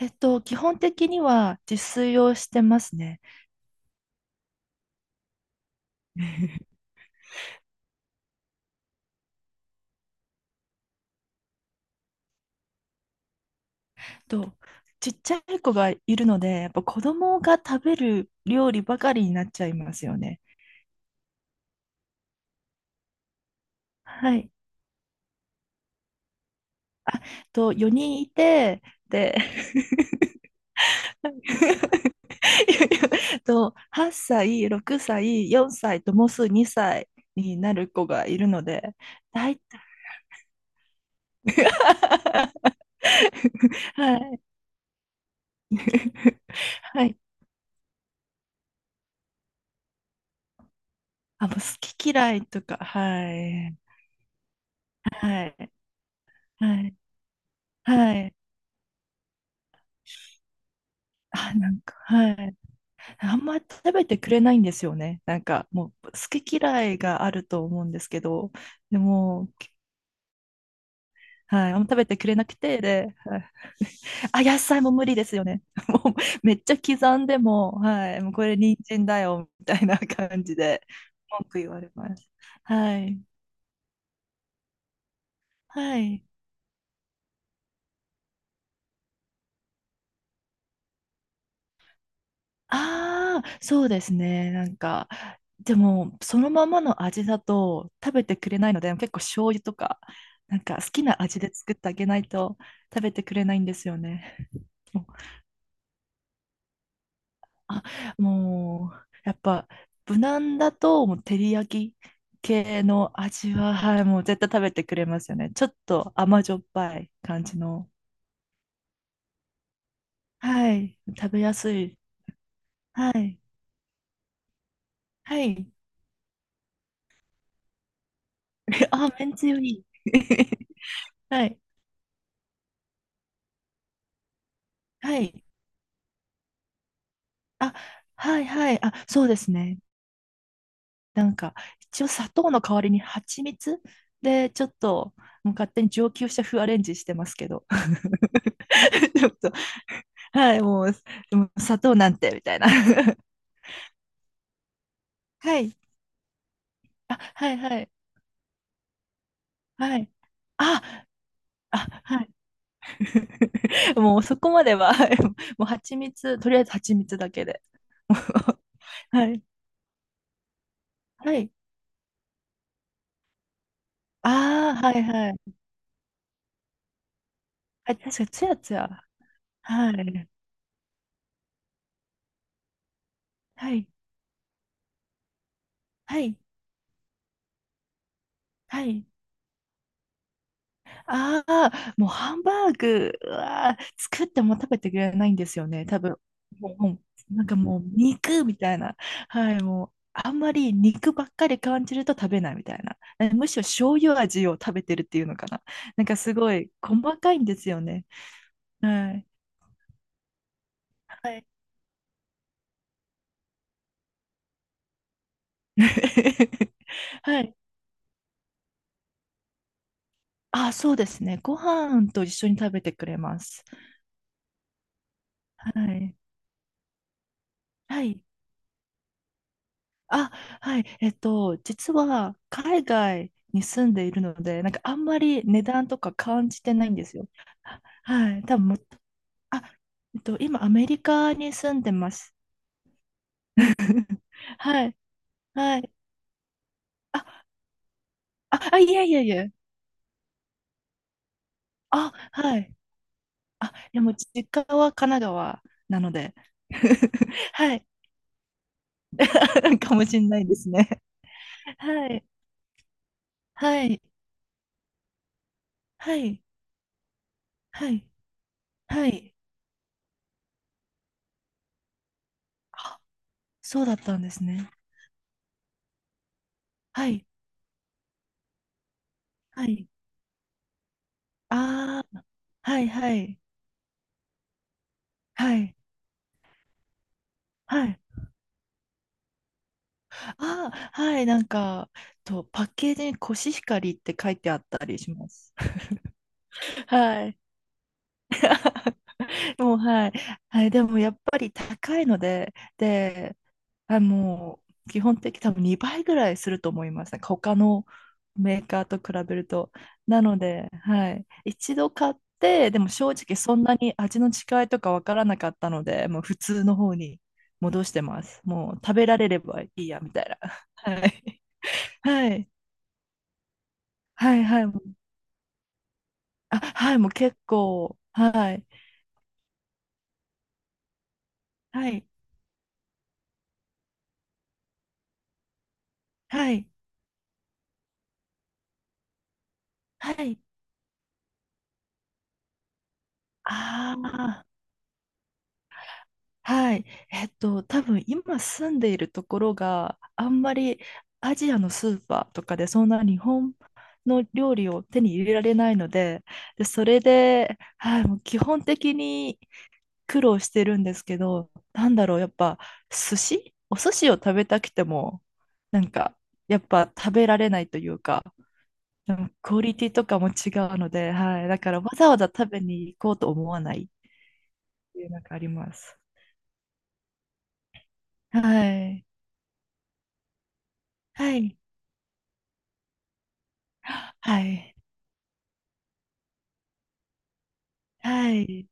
基本的には自炊をしてますね。えっと、ちっちゃい子がいるので、やっぱ子供が食べる料理ばかりになっちゃいますよね。はい。4人いて、で、8歳、6歳、4歳ともうすぐ2歳になる子がいるので、大体。 はい。はい。あもう好き嫌いとか、はい。はい。はい。はい。はい。あんま食べてくれないんですよね。好き嫌いがあると思うんですけど、でも、はい。あんま食べてくれなくて、で、はい、あ、野菜も無理ですよね。もう、めっちゃ刻んでも、はい。もう、これ、人参だよ、みたいな感じで、文句言われます。はい。はい。ああ、そうですね。でも、そのままの味だと食べてくれないので、結構醤油とか、なんか好きな味で作ってあげないと食べてくれないんですよね。もうあ、もう、やっぱ、無難だと、もう、照り焼き系の味は、はい、もう絶対食べてくれますよね。ちょっと甘じょっぱい感じの。はい、食べやすい。はい。はい。あ、めんつゆいい。はい。はい。あ、はいはい。あ、そうですね。なんか、一応砂糖の代わりに蜂蜜で、ちょっと、もう勝手に上級者風アレンジしてますけど。ちょっと、はい、もう、でも砂糖なんて、みたいな。はい。あ、はいはい。はい。あ、あ、はい。もうそこまでは、はい。 もう蜂蜜、とりあえず蜂蜜だけで。はい。はい。ああ、はいはい。あ、確かに、つやつや。はい。はい。はい。はい。ああ、もうハンバーグは作っても食べてくれないんですよね、多分。もう、ももう肉みたいな。はい、もう、あんまり肉ばっかり感じると食べないみたいな。えむしろ醤油味を食べてるっていうのかな。なんかすごい細かいんですよね。はい。はい。はい。あ、そうですね。ご飯と一緒に食べてくれます。はい。はい。あ、はい。実は海外に住んでいるので、なんかあんまり値段とか感じてないんですよ。ははい。多分もっと、あ、今アメリカに住んでます。はい。はい。あ、いやいやいや。あ、はい。あ、いやもう実家は神奈川なので。はい。かもしれないですね。はい。はい。はい。はい。はい。あ、そうだったんですね。はい。はい。ああ、はいはい、はい、はい。ああ、はい、パッケージにコシヒカリって書いてあったりします。はい。もう、はい。はい、でもやっぱり高いので、で、あもう基本的多分2倍ぐらいすると思いますね。他のメーカーと比べると。なので、はい。一度買って、でも正直そんなに味の違いとかわからなかったので、もう普通の方に戻してます。もう食べられればいいや、みたいな。はい。はい。はい、はい。あ、はい、もう結構。はい。はい。はい。はい。ああ。はい。多分今住んでいるところがあんまりアジアのスーパーとかでそんな日本の料理を手に入れられないので、で、それで、はい、もう基本的に苦労してるんですけど、なんだろう、やっぱお寿司を食べたくても、なんか、やっぱ食べられないというか、でもクオリティとかも違うので、はい。だからわざわざ食べに行こうと思わないっていうのがあります。はい。はい。はい。はい。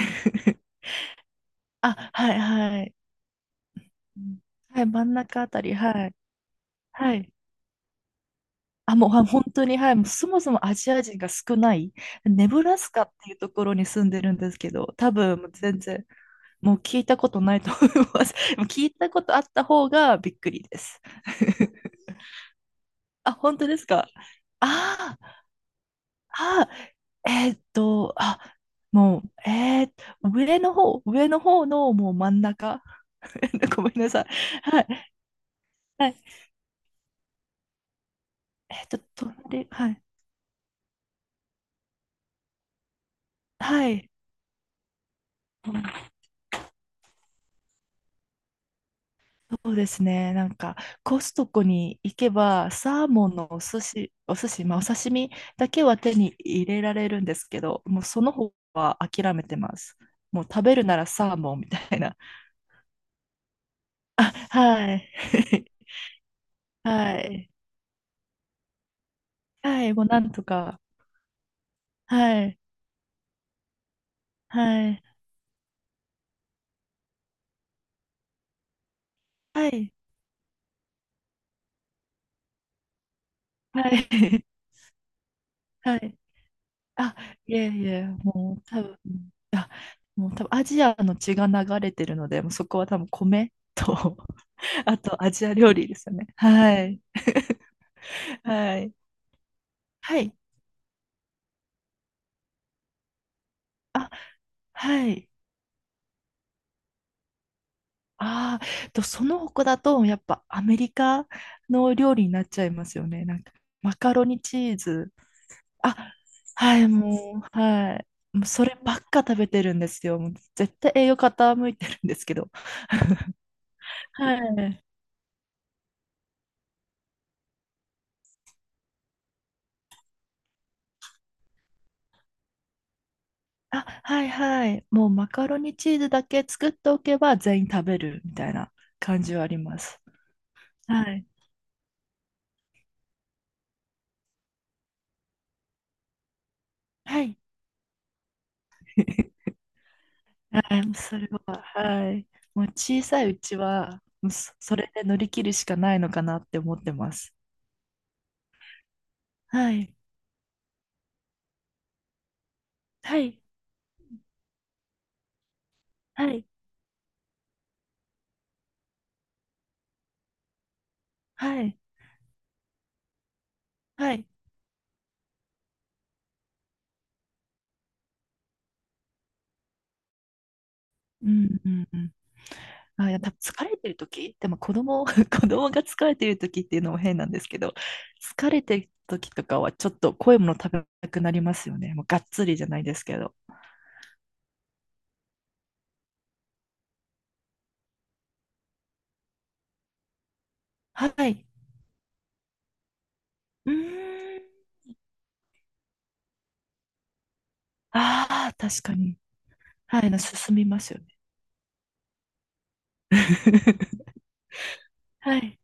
あ、はい、はい。うんはい、真ん中あたり、はい。はい。あ、もう、あ本当に、はい。もうそもそもアジア人が少ない、ネブラスカっていうところに住んでるんですけど、多分、もう全然、もう聞いたことないと思います。でもう聞いたことあった方がびっくりです。あ、本当ですか。あーあー、えーっと、あ、もう、えー上の方、上の方のもう真ん中。ごめんなさい。はい。はい。えっと、飛んで、はい。はい。うんそうですね。なんか、コストコに行けば、サーモンのお寿司、お刺身だけは手に入れられるんですけど、もうその方は諦めてます。もう食べるならサーモンみたいな。あ、はい。はい。はい。もうなんとか。はい。はい。はい。はい。はい。あ、いえいえ、あ、もう多分アジアの血が流れてるので、もうそこは多分米と。 あとアジア料理ですよね。はい。はい。はい。あ、はい。ああ、と、その他だと、やっぱアメリカの料理になっちゃいますよね。なんか、マカロニチーズ。あ、はい、もう、はい。もうそればっか食べてるんですよ。もう絶対栄養傾いてるんですけど。はい。あ、はいはい。もうマカロニチーズだけ作っておけば全員食べるみたいな感じはあります。はい。はい。はい、それは、はい。もう小さいうちは、もうそれで乗り切るしかないのかなって思ってます。はい。はい。はい。はい。はい。うんうんうん。あ、いや、多分疲れてる時、でも子供、子供が疲れてる時っていうのも変なんですけど、疲れてる時とかはちょっと濃いもの食べたくなりますよね。もうがっつりじゃないですけど。はい。うーん。ああ、確かに。はい、な進みますよね。はい。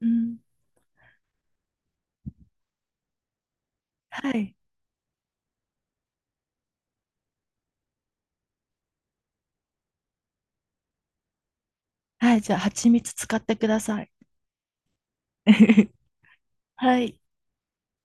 うん。はい。はい、じゃあ、蜂蜜使ってください。はい。